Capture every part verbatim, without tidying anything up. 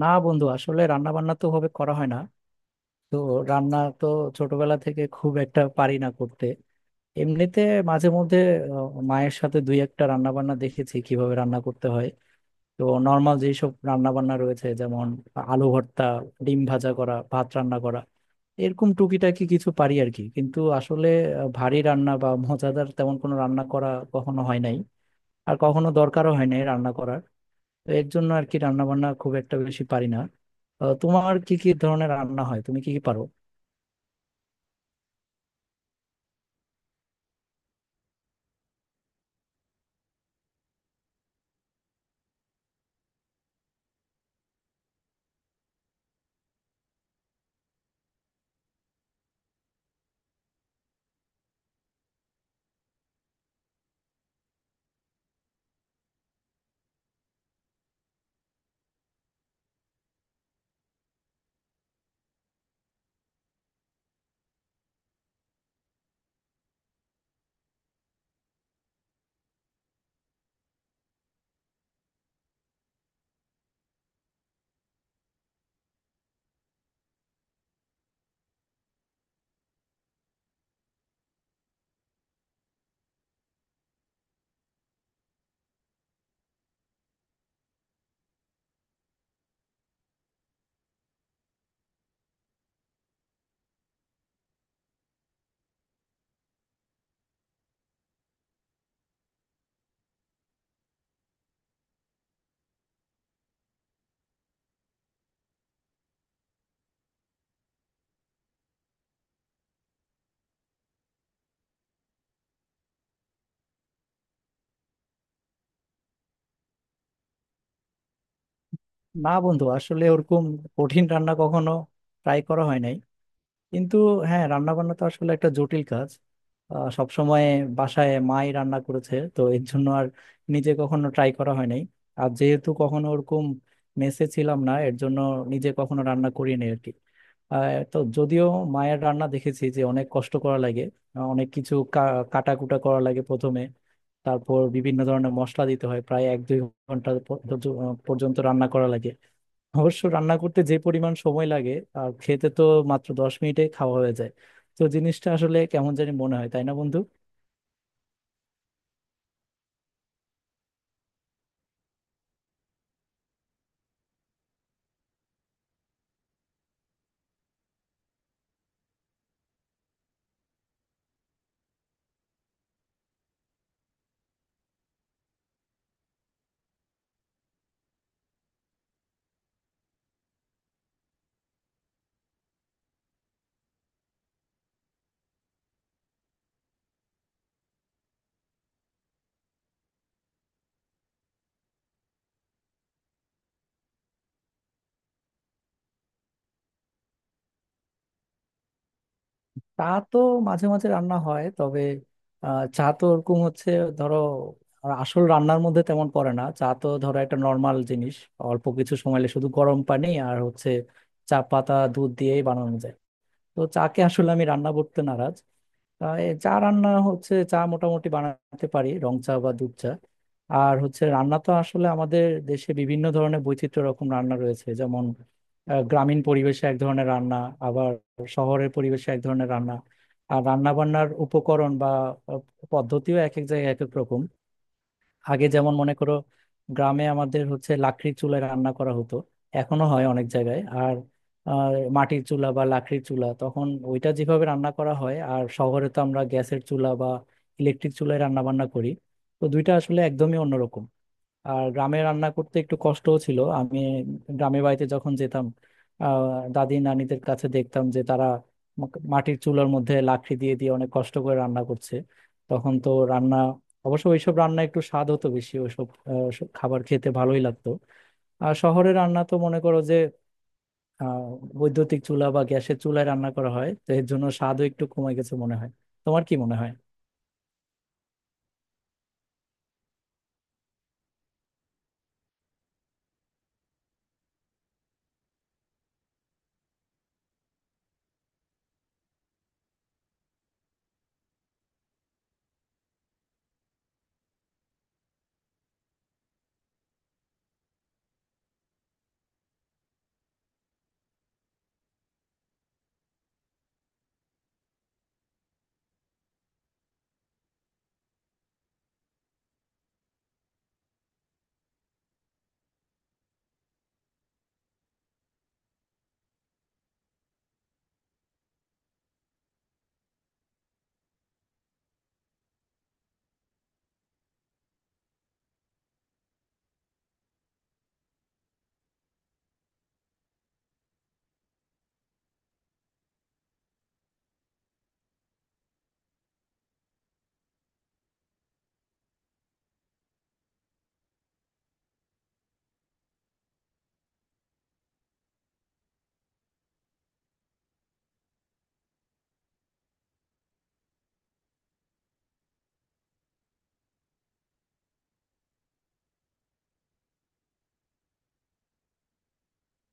না বন্ধু, আসলে রান্না বান্না তো ভাবে করা হয় না। তো রান্না তো ছোটবেলা থেকে খুব একটা পারি না করতে। এমনিতে মাঝে মধ্যে আহ, মায়ের সাথে দুই একটা রান্না বান্না দেখেছি কিভাবে রান্না করতে হয়। তো নর্মাল যেসব রান্না বান্না রয়েছে যেমন আলু ভর্তা, ডিম ভাজা করা, ভাত রান্না করা, এরকম টুকিটাকি কিছু পারি আর কি। কিন্তু আসলে আহ, ভারী রান্না বা মজাদার তেমন কোনো রান্না করা কখনো হয় নাই, আর কখনো দরকারও হয় নাই রান্না করার। তো এর জন্য আর কি রান্না বান্না খুব একটা বেশি পারি না। আহ, তোমার কি কি ধরনের রান্না হয়, তুমি কি কি পারো? না বন্ধু, আসলে ওরকম কঠিন রান্না কখনো ট্রাই করা হয় নাই। কিন্তু হ্যাঁ, রান্না বান্না তো আসলে একটা জটিল কাজ। সব সময় বাসায় মাই রান্না করেছে, তো এর জন্য আর নিজে কখনো ট্রাই করা হয় নাই। আর যেহেতু কখনো ওরকম মেসে ছিলাম না, এর জন্য নিজে কখনো রান্না করিনি আর কি। আহ, তো যদিও মায়ের রান্না দেখেছি যে অনেক কষ্ট করা লাগে। আহ, অনেক কিছু কাটাকুটা করা লাগে প্রথমে, তারপর বিভিন্ন ধরনের মশলা দিতে হয়, প্রায় এক দুই ঘন্টা প- পর্যন্ত রান্না করা লাগে। অবশ্য রান্না করতে যে পরিমাণ সময় লাগে, আর খেতে তো মাত্র দশ মিনিটে খাওয়া হয়ে যায়। তো জিনিসটা আসলে কেমন জানি মনে হয়, তাই না বন্ধু? চা তো মাঝে মাঝে রান্না হয়, তবে আহ, চা তো ওরকম হচ্ছে ধরো আর আসল রান্নার মধ্যে তেমন পড়ে না। চা তো ধরো একটা নর্মাল জিনিস, অল্প কিছু সময় লাগে, শুধু গরম পানি আর হচ্ছে চা পাতা দুধ দিয়েই বানানো যায়। তো চাকে আসলে আমি রান্না করতে নারাজ। আহ, এ চা রান্না হচ্ছে, চা মোটামুটি বানাতে পারি, রং চা বা দুধ চা। আর হচ্ছে রান্না তো আসলে আমাদের দেশে বিভিন্ন ধরনের বৈচিত্র্য রকম রান্না রয়েছে, যেমন আহ, গ্রামীণ পরিবেশে এক ধরনের রান্না, আবার শহরের পরিবেশে এক ধরনের রান্না। আর রান্না বান্নার উপকরণ বা আহ, পদ্ধতিও এক এক জায়গায় এক এক রকম। আগে যেমন মনে করো গ্রামে আমাদের হচ্ছে লাকড়ির চুলায় রান্না করা হতো, এখনো হয় অনেক জায়গায়। আর আর মাটির চুলা বা লাকড়ির চুলা, তখন ওইটা যেভাবে রান্না করা হয়, আর শহরে তো আমরা গ্যাসের চুলা বা ইলেকট্রিক চুলায় রান্না বান্না করি। তো দুইটা আসলে একদমই অন্যরকম। আর গ্রামে রান্না করতে একটু কষ্টও ছিল। আমি গ্রামে বাড়িতে যখন যেতাম, আহ, দাদি নানিদের কাছে দেখতাম যে তারা মা- মাটির চুলার মধ্যে লাকড়ি দিয়ে দিয়ে অনেক কষ্ট করে রান্না করছে। তখন তো রান্না অবশ্য ওইসব রান্না একটু স্বাদ হতো বেশি, ওইসব আহ, সব খাবার খেতে ভালোই লাগতো। আর শহরে রান্না তো মনে করো যে আহ, বৈদ্যুতিক চুলা বা গ্যাসের চুলায় রান্না করা হয়, তো এর জন্য স্বাদও একটু কমে গেছে মনে হয়। তোমার কি মনে হয়?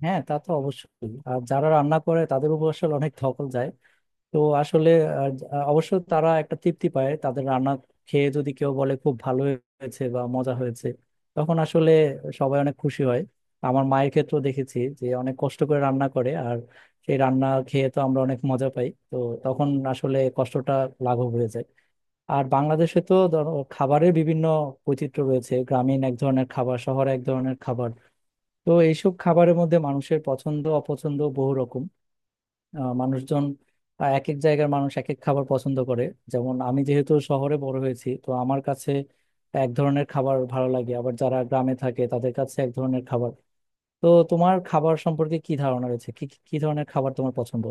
হ্যাঁ, তা তো অবশ্যই। আর যারা রান্না করে তাদের উপর আসলে অনেক ধকল যায়। তো আসলে আহ, অবশ্য তারা একটা তৃপ্তি পায়, তাদের রান্না খেয়ে যদি কেউ বলে খুব ভালো হয়েছে বা মজা হয়েছে, তখন আসলে সবাই অনেক খুশি হয়। আমার মায়ের ক্ষেত্রেও দেখেছি যে অনেক কষ্ট করে রান্না করে, আর সেই রান্না খেয়ে তো আমরা অনেক মজা পাই। তো তখন আসলে কষ্টটা লাঘব হয়ে যায়। আর বাংলাদেশে তো ধরো খাবারের বিভিন্ন বৈচিত্র্য রয়েছে, গ্রামীণ এক ধরনের খাবার, শহরে এক ধরনের খাবার। তো এইসব খাবারের মধ্যে মানুষের পছন্দ অপছন্দ বহু রকম। আহ, মানুষজন আহ, এক এক জায়গার মানুষ এক এক খাবার পছন্দ করে। যেমন আমি যেহেতু শহরে বড় হয়েছি, তো আমার কাছে এক ধরনের খাবার ভালো লাগে, আবার যারা গ্রামে থাকে তাদের কাছে এক ধরনের খাবার। তো তোমার খাবার সম্পর্কে কি ধারণা রয়েছে, কি কি কি ধরনের খাবার তোমার পছন্দ?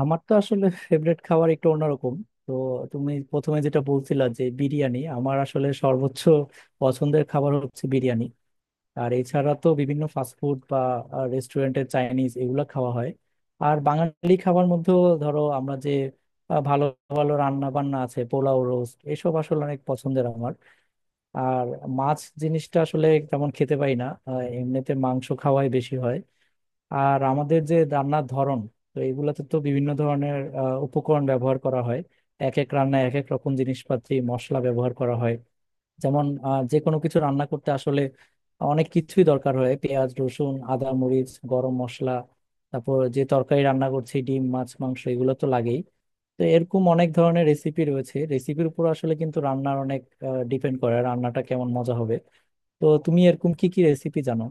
আমার তো আসলে ফেভারিট খাবার একটু অন্যরকম। তো তুমি প্রথমে যেটা বলছিলা যে বিরিয়ানি, আমার আসলে সর্বোচ্চ পছন্দের খাবার হচ্ছে বিরিয়ানি। আর এছাড়া তো বিভিন্ন ফাস্টফুড বা রেস্টুরেন্টের চাইনিজ এগুলো খাওয়া হয়। আর বাঙালি খাবার মধ্যেও ধরো আমরা যে আহ, ভালো ভালো রান্না বান্না আছে, পোলাও, রোস্ট, এসব আসলে অনেক পছন্দের আমার। আর মাছ জিনিসটা আসলে তেমন খেতে পাই না, আহ, এমনিতে মাংস খাওয়াই বেশি হয়। আর আমাদের যে রান্নার ধরন, তো এগুলাতে তো বিভিন্ন ধরনের আহ, উপকরণ ব্যবহার করা হয়। এক এক রান্নায় এক এক রকম জিনিসপাতি মশলা ব্যবহার করা হয়। যেমন আহ, যে কোনো কিছু রান্না করতে আসলে অনেক কিছুই দরকার হয়, পেঁয়াজ, রসুন, আদা, মরিচ, গরম মশলা। তারপর যে তরকারি রান্না করছি, ডিম, মাছ, মাংস, এগুলো তো লাগেই। তো এরকম অনেক ধরনের রেসিপি রয়েছে, রেসিপির উপর আসলে কিন্তু রান্নার অনেক ডিপেন্ড করে, রান্নাটা কেমন মজা হবে। তো তুমি এরকম কি কি রেসিপি জানো?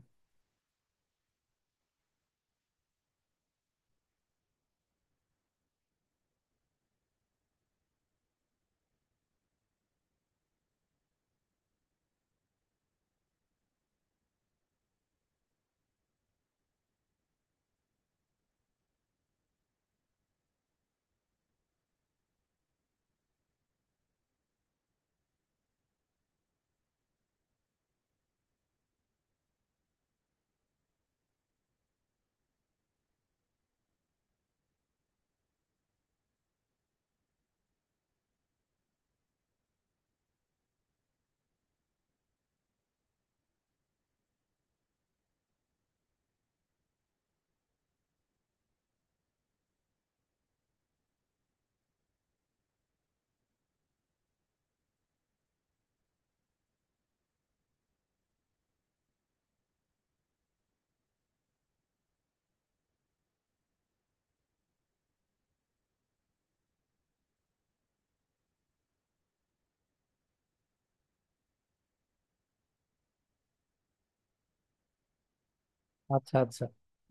আচ্ছা, আচ্ছা।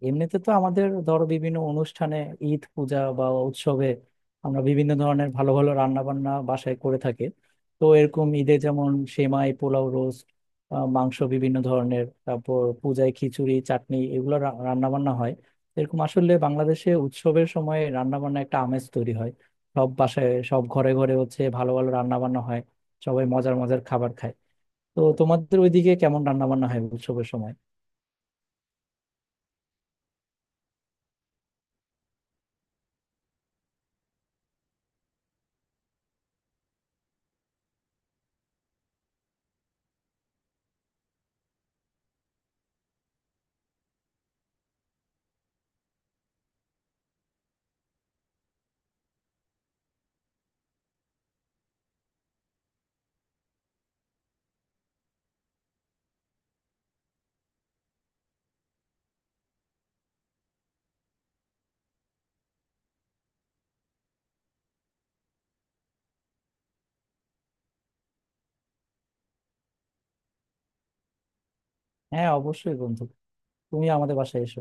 এমনিতে তো আমাদের ধরো বিভিন্ন অনুষ্ঠানে, ঈদ, পূজা বা উৎসবে আমরা বিভিন্ন ধরনের ভালো ভালো রান্না বান্না বাসায় করে থাকি। তো এরকম ঈদে যেমন সেমাই, পোলাও, রোস্ট, মাংস বিভিন্ন ধরনের, তারপর পূজায় খিচুড়ি, চাটনি, এগুলো রান্না বান্না হয়। এরকম আসলে বাংলাদেশে উৎসবের সময় রান্না বান্না একটা আমেজ তৈরি হয়। সব বাসায়, সব ঘরে ঘরে হচ্ছে ভালো ভালো রান্না বান্না হয়, সবাই মজার মজার খাবার খায়। তো তোমাদের ওইদিকে কেমন রান্না বান্না হয় উৎসবের সময়? হ্যাঁ, অবশ্যই বন্ধু, তুমি আমাদের বাসায় এসো।